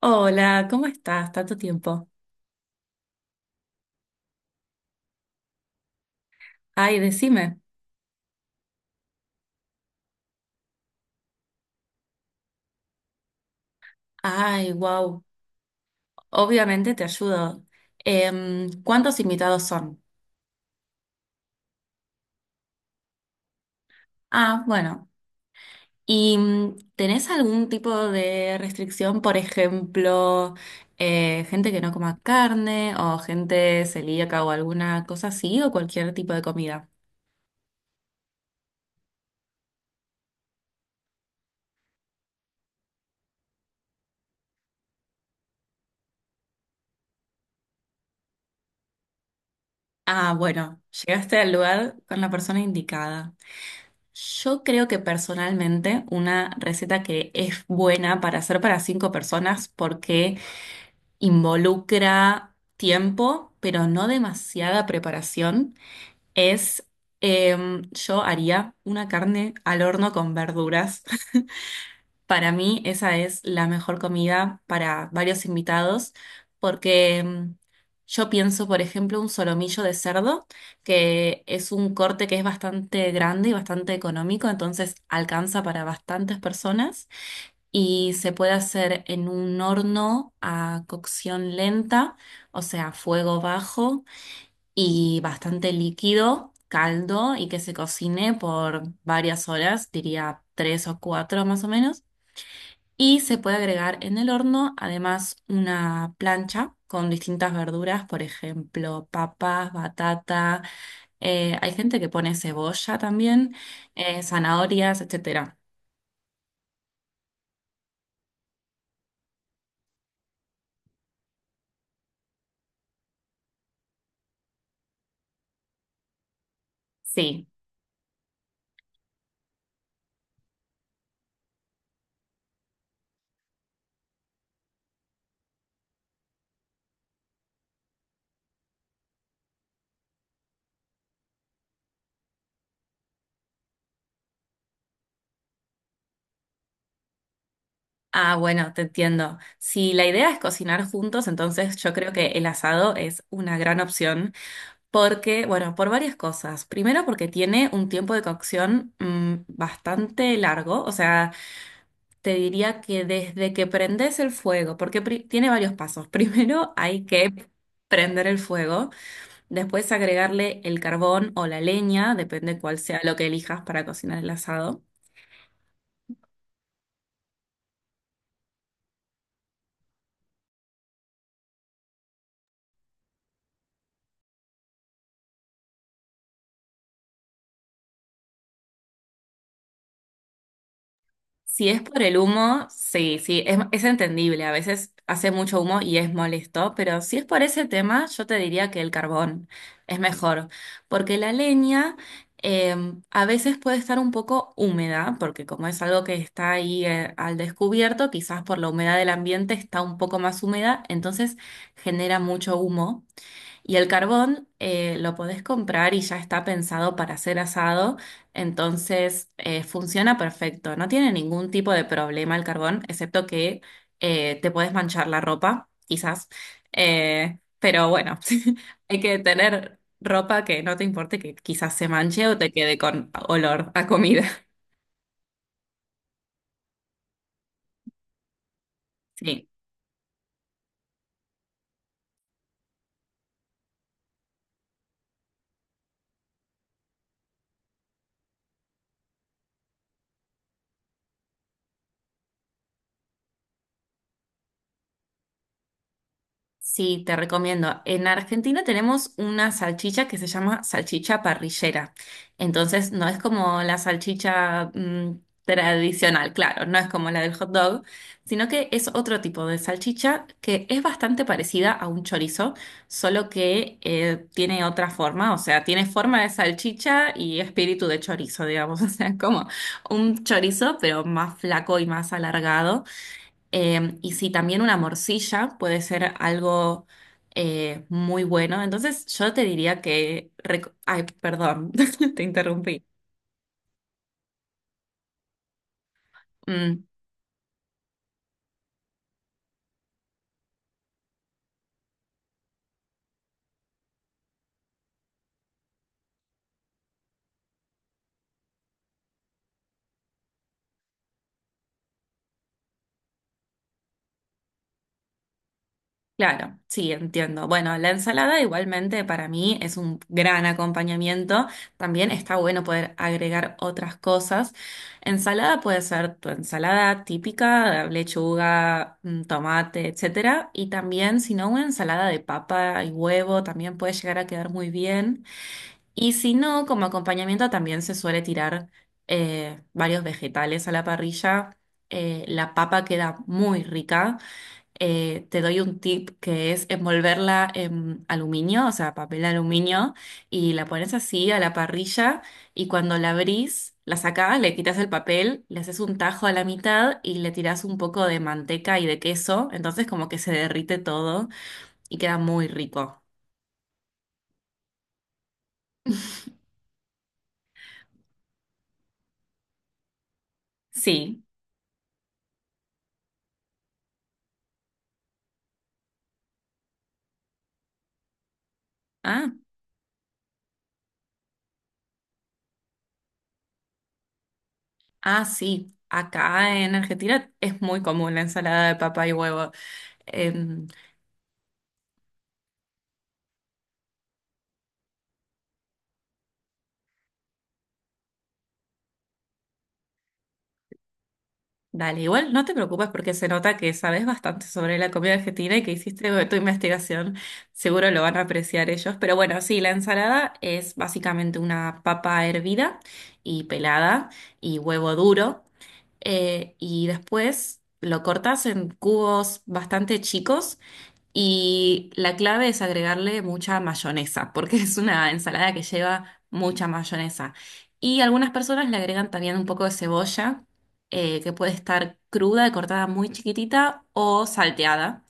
Hola, ¿cómo estás? Tanto tiempo. Ay, decime. Ay, wow. Obviamente te ayudo. ¿Cuántos invitados son? Ah, bueno. ¿Y tenés algún tipo de restricción? Por ejemplo, gente que no coma carne o gente celíaca o alguna cosa así o cualquier tipo de comida. Ah, bueno, llegaste al lugar con la persona indicada. Yo creo que personalmente una receta que es buena para hacer para cinco personas porque involucra tiempo, pero no demasiada preparación, es yo haría una carne al horno con verduras. Para mí esa es la mejor comida para varios invitados porque yo pienso, por ejemplo, un solomillo de cerdo, que es un corte que es bastante grande y bastante económico, entonces alcanza para bastantes personas y se puede hacer en un horno a cocción lenta, o sea, fuego bajo y bastante líquido, caldo y que se cocine por varias horas, diría 3 o 4 más o menos. Y se puede agregar en el horno además una plancha con distintas verduras, por ejemplo, papas, batata, hay gente que pone cebolla también, zanahorias, etcétera. Sí. Ah, bueno, te entiendo. Si la idea es cocinar juntos, entonces yo creo que el asado es una gran opción porque, bueno, por varias cosas. Primero porque tiene un tiempo de cocción bastante largo, o sea, te diría que desde que prendes el fuego, porque tiene varios pasos. Primero hay que prender el fuego, después agregarle el carbón o la leña, depende cuál sea lo que elijas para cocinar el asado. Si es por el humo, sí, sí, es, entendible. A veces hace mucho humo y es molesto, pero si es por ese tema, yo te diría que el carbón es mejor, porque la leña eh, a veces puede estar un poco húmeda, porque como es algo que está ahí al descubierto, quizás por la humedad del ambiente está un poco más húmeda, entonces genera mucho humo. Y el carbón lo podés comprar y ya está pensado para ser asado, entonces funciona perfecto. No tiene ningún tipo de problema el carbón, excepto que te podés manchar la ropa, quizás. Pero bueno, hay que tener ropa que no te importe que quizás se manche o te quede con olor a comida. Sí. Sí, te recomiendo. En Argentina tenemos una salchicha que se llama salchicha parrillera. Entonces, no es como la salchicha tradicional, claro, no es como la del hot dog, sino que es otro tipo de salchicha que es bastante parecida a un chorizo, solo que tiene otra forma, o sea, tiene forma de salchicha y espíritu de chorizo, digamos, o sea, es como un chorizo, pero más flaco y más alargado. Y si también una morcilla puede ser algo muy bueno. Entonces yo te diría que... reco- Ay, perdón, te interrumpí. Mm, claro, sí, entiendo. Bueno, la ensalada igualmente para mí es un gran acompañamiento. También está bueno poder agregar otras cosas. Ensalada puede ser tu ensalada típica, lechuga, tomate, etcétera. Y también, si no, una ensalada de papa y huevo también puede llegar a quedar muy bien. Y si no, como acompañamiento también se suele tirar varios vegetales a la parrilla. La papa queda muy rica. Te doy un tip que es envolverla en aluminio, o sea, papel aluminio, y la pones así a la parrilla y cuando la abrís, la sacás, le quitas el papel, le haces un tajo a la mitad y le tirás un poco de manteca y de queso, entonces como que se derrite todo y queda muy rico. Sí. Ah, Ah, sí, acá en Argentina es muy común la ensalada de papa y huevo. Em, Dale, igual no te preocupes porque se nota que sabes bastante sobre la comida argentina y que hiciste tu investigación. Seguro lo van a apreciar ellos. Pero bueno, sí, la ensalada es básicamente una papa hervida y pelada y huevo duro. Y después lo cortas en cubos bastante chicos. Y la clave es agregarle mucha mayonesa, porque es una ensalada que lleva mucha mayonesa. Y algunas personas le agregan también un poco de cebolla, que puede estar cruda y cortada muy chiquitita o salteada.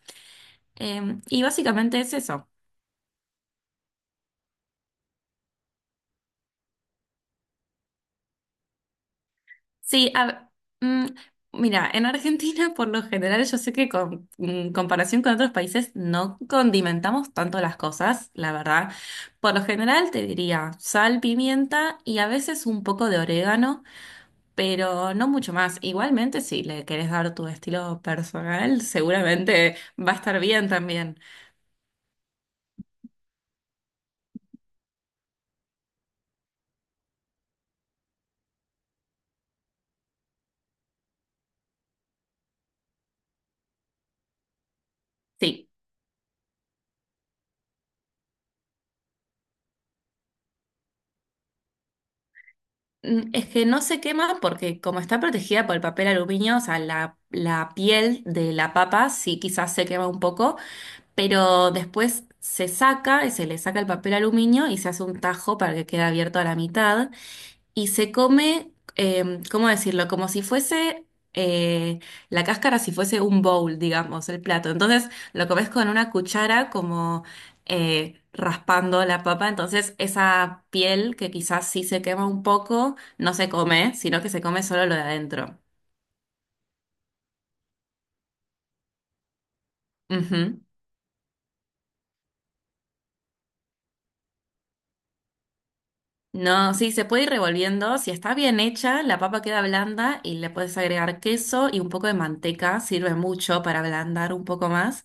Y básicamente es eso. Sí, mm, mira, en Argentina por lo general yo sé que con en comparación con otros países no condimentamos tanto las cosas, la verdad. Por lo general te diría sal, pimienta y a veces un poco de orégano, pero no mucho más. Igualmente, si le querés dar tu estilo personal, seguramente va a estar bien también. Sí. Es que no se quema porque como está protegida por el papel aluminio, o sea, la piel de la papa sí quizás se quema un poco, pero después se saca y se le saca el papel aluminio y se hace un tajo para que quede abierto a la mitad y se come, ¿cómo decirlo? Como si fuese eh, la cáscara, si fuese un bowl, digamos, el plato. Entonces lo comes con una cuchara como raspando la papa, entonces esa piel que quizás sí se quema un poco, no se come, sino que se come solo lo de adentro. Ujú. No, sí, se puede ir revolviendo. Si está bien hecha, la papa queda blanda y le puedes agregar queso y un poco de manteca. Sirve mucho para ablandar un poco más.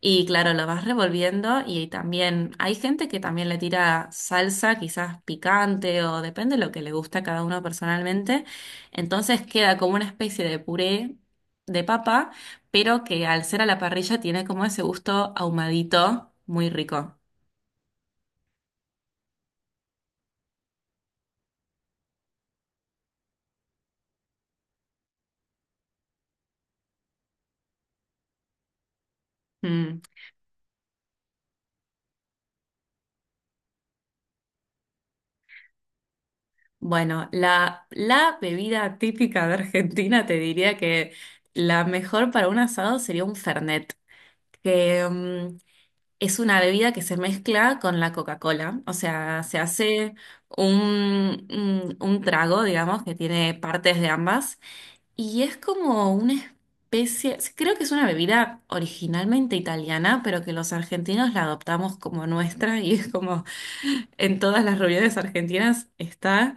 Y claro, lo vas revolviendo y también hay gente que también le tira salsa, quizás picante o depende de lo que le gusta a cada uno personalmente. Entonces queda como una especie de puré de papa, pero que al ser a la parrilla tiene como ese gusto ahumadito, muy rico. Mm. Bueno, la bebida típica de Argentina te diría que la mejor para un asado sería un Fernet, que es una bebida que se mezcla con la Coca-Cola. O sea, se hace un trago, digamos, que tiene partes de ambas. Y es como una especie, sí, creo que es una bebida originalmente italiana, pero que los argentinos la adoptamos como nuestra y es como en todas las reuniones argentinas está.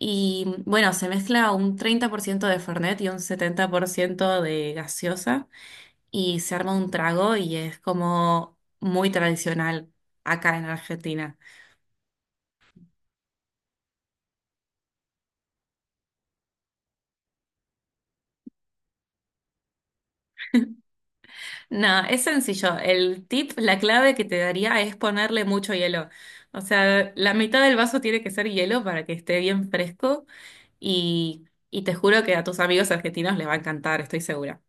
Y bueno, se mezcla un 30% de Fernet y un 70% de gaseosa y se arma un trago y es como muy tradicional acá en Argentina. No, es sencillo. El tip, la clave que te daría es ponerle mucho hielo. O sea, la mitad del vaso tiene que ser hielo para que esté bien fresco y, y te juro que a tus amigos argentinos les va a encantar, estoy segura.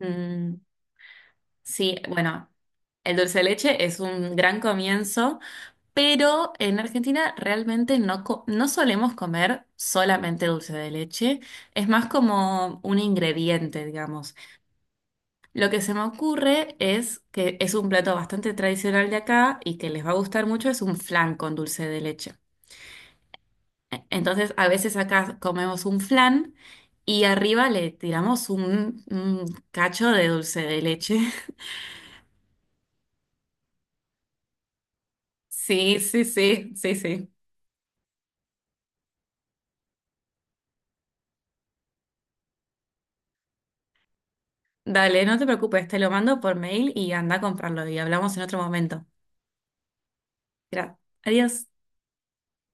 Mm, sí, bueno. El dulce de leche es un gran comienzo. Pero en Argentina realmente no, no solemos comer solamente dulce de leche, es más como un ingrediente, digamos. Lo que se me ocurre es que es un plato bastante tradicional de acá y que les va a gustar mucho, es un flan con dulce de leche. Entonces, a veces acá comemos un flan y arriba le tiramos un cacho de dulce de leche. Sí, sí, sí, sí, sí. Dale, no te preocupes, te lo mando por mail y anda a comprarlo y hablamos en otro momento. Gracias. Adiós.